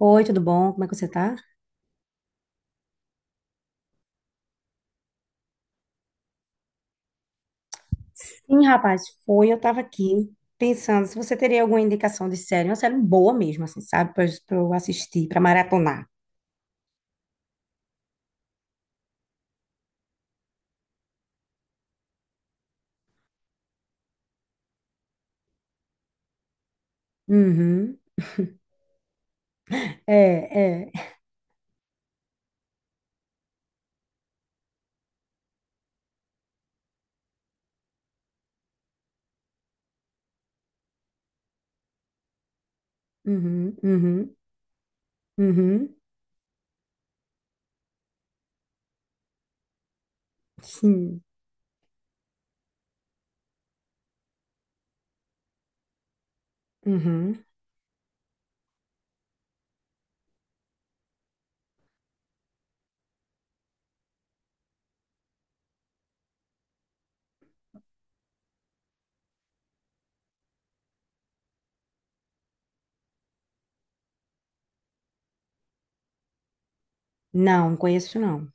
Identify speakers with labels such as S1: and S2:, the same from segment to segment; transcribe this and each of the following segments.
S1: Oi, tudo bom? Como é que você tá? Sim, rapaz, foi. Eu tava aqui pensando se você teria alguma indicação de série, uma série boa mesmo, assim, sabe? Pra eu assistir, pra maratonar. Uhum. É, é. Uhum, uhum, uhum. Sim. Uhum. Não, conheço não.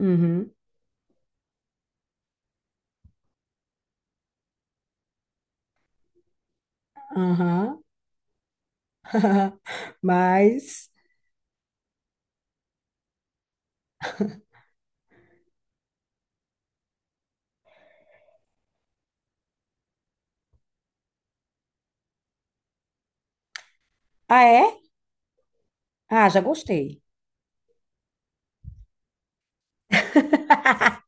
S1: Uhum, aham. Mas. Ah, é? Ah, já gostei.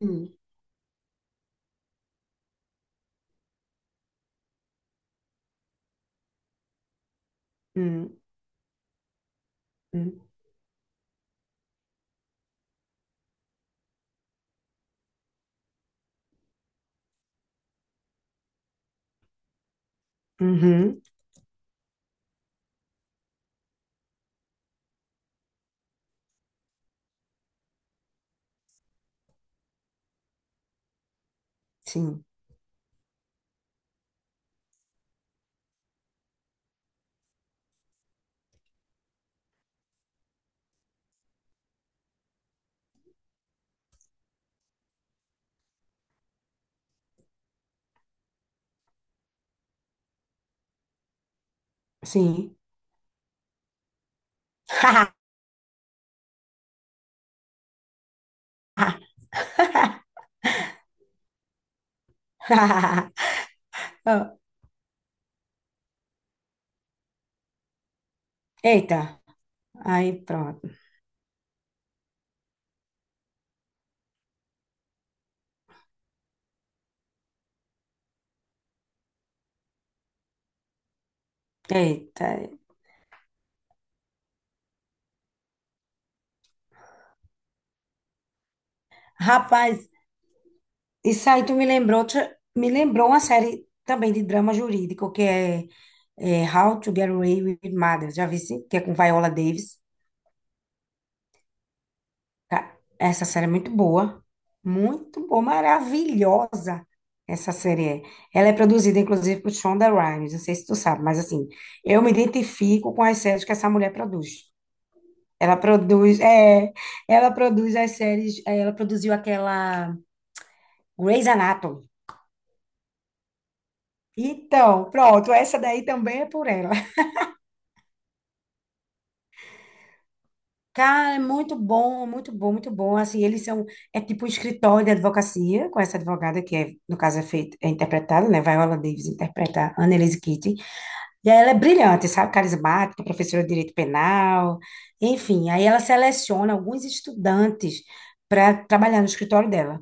S1: Hum, hum, hum, uhum. Sim, sim. Eita, aí pronto. Eita. Rapaz, isso aí tu me lembrou, outra- me lembrou uma série também de drama jurídico, é How to Get Away with Murder. Já vi, sim? Que é com Viola Davis. Ca- Essa série é muito boa. Muito boa, maravilhosa. Essa série é. Ela é produzida, inclusive, por Shonda Rhimes. Não sei se tu sabe, mas assim, eu me identifico com as séries que essa mulher produz. Ela produz, ela produz as séries, ela produziu aquela Grey's Anatomy. Então, pronto, essa daí também é por ela. Cara, é muito bom, muito bom, muito bom. Assim, eles são, é tipo um escritório de advocacia, com essa advogada que, é, no caso, é feito é interpretada, né? Viola Davis interpreta a Annelise Keating. E ela é brilhante, sabe? Carismática, professora de direito penal. Enfim, aí ela seleciona alguns estudantes para trabalhar no escritório dela,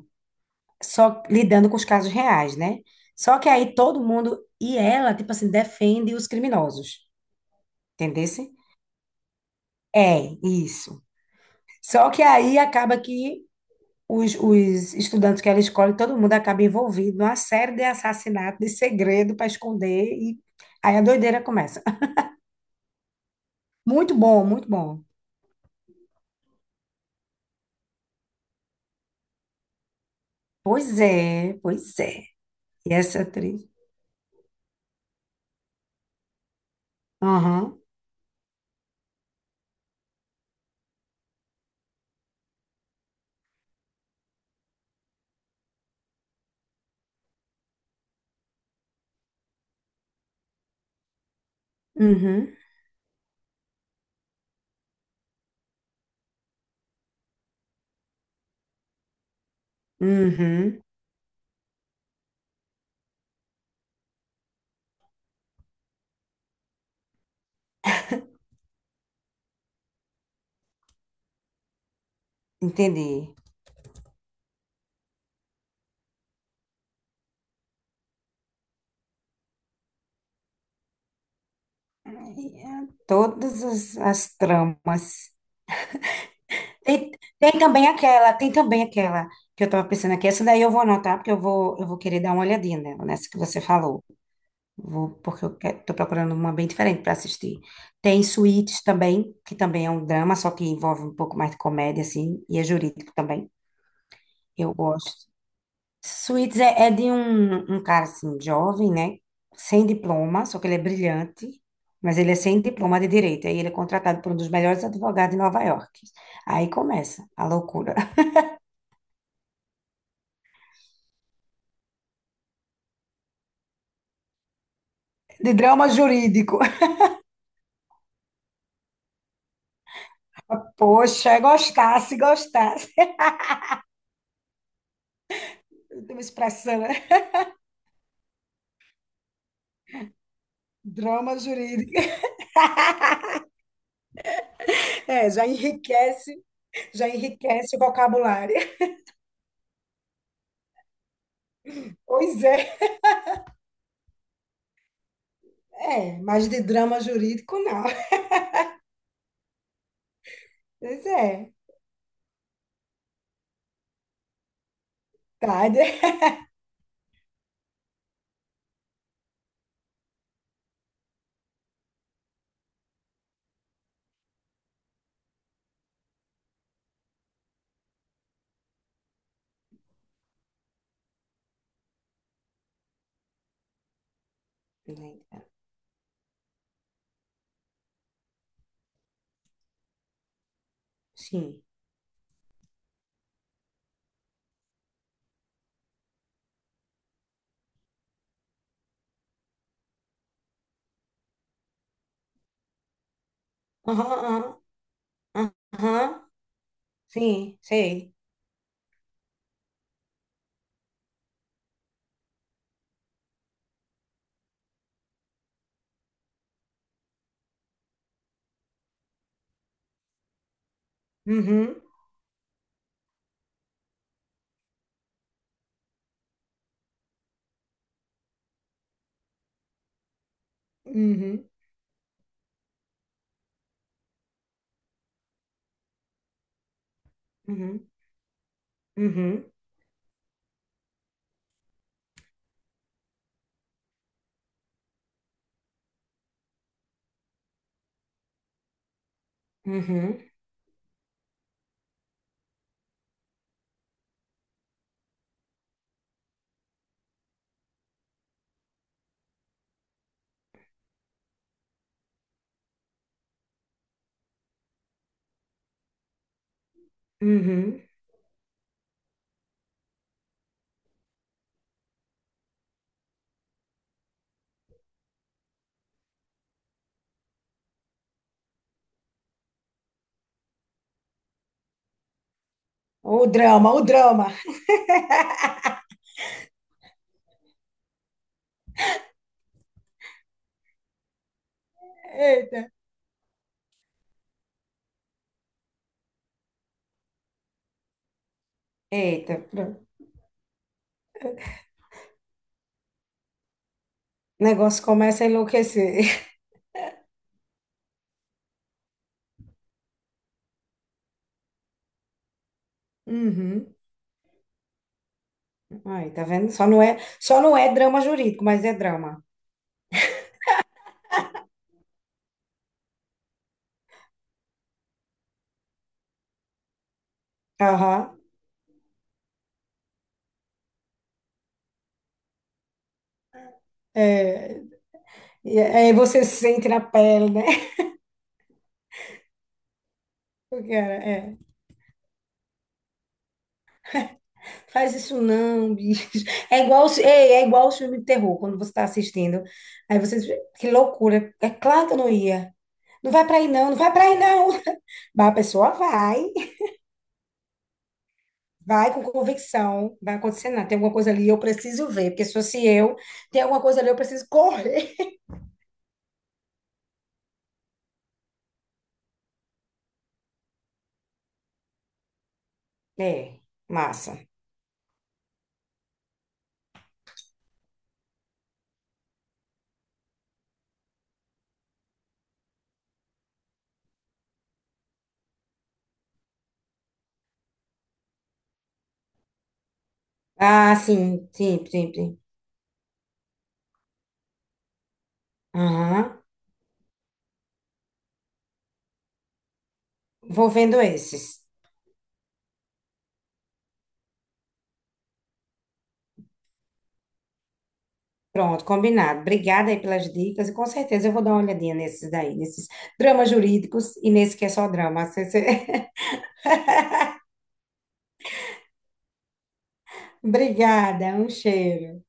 S1: só lidando com os casos reais, né? Só que aí todo mundo, e ela, tipo assim, defende os criminosos, entendeu? É, isso. Só que aí acaba que os estudantes que ela escolhe, todo mundo acaba envolvido numa série de assassinatos, de segredo para esconder, e aí a doideira começa. Muito bom, muito bom. Pois é, pois é. E essa atriz. Aham, uhum, uhum, entendi. É, todas as, as tramas. Tem, tem também aquela que eu estava pensando aqui. Essa daí eu vou anotar, porque eu vou querer dar uma olhadinha nela, nessa que você falou. Vou, porque eu quero, tô procurando uma bem diferente para assistir. Tem Suítes também, que também é um drama, só que envolve um pouco mais de comédia, assim, e é jurídico também. Eu gosto. Suítes é de um, um cara, assim, jovem, né? Sem diploma, só que ele é brilhante, mas ele é sem diploma de direito. Aí ele é contratado por um dos melhores advogados de Nova York. Aí começa a loucura. De drama jurídico. Poxa, gostasse, gostasse. Tem uma expressão, né? Drama jurídico. É, já enriquece o vocabulário. Pois é, é, mas de drama jurídico não. Pois é, tá. de- Sim. Aham, aham, aham. Sim, sei. Uhum, uhum, uhum, uhum, uhum, uhum. O drama, o drama. Eita, eita, pronto. O negócio começa a enlouquecer. Uhum. Aí, tá vendo? Só não é drama jurídico, mas é drama. Aham. É, E é, aí você sente na pele, né? O cara, é. Faz isso não, bicho. É igual, os- ei, é igual o filme de terror, quando você está assistindo. Aí você diz, que loucura. É claro que eu não ia. Não vai pra aí não, não vai pra aí não. Mas a pessoa vai, vai com convicção. Vai acontecer nada. Tem alguma coisa ali, eu preciso ver. Porque se fosse eu, tem alguma coisa ali, eu preciso correr. É, massa. Ah, sim, sim, sim, sim. Aham. Vou vendo esses. Pronto, combinado. Obrigada aí pelas dicas e com certeza eu vou dar uma olhadinha nesses daí, nesses dramas jurídicos e nesse que é só drama. Você- você- Obrigada, um cheiro.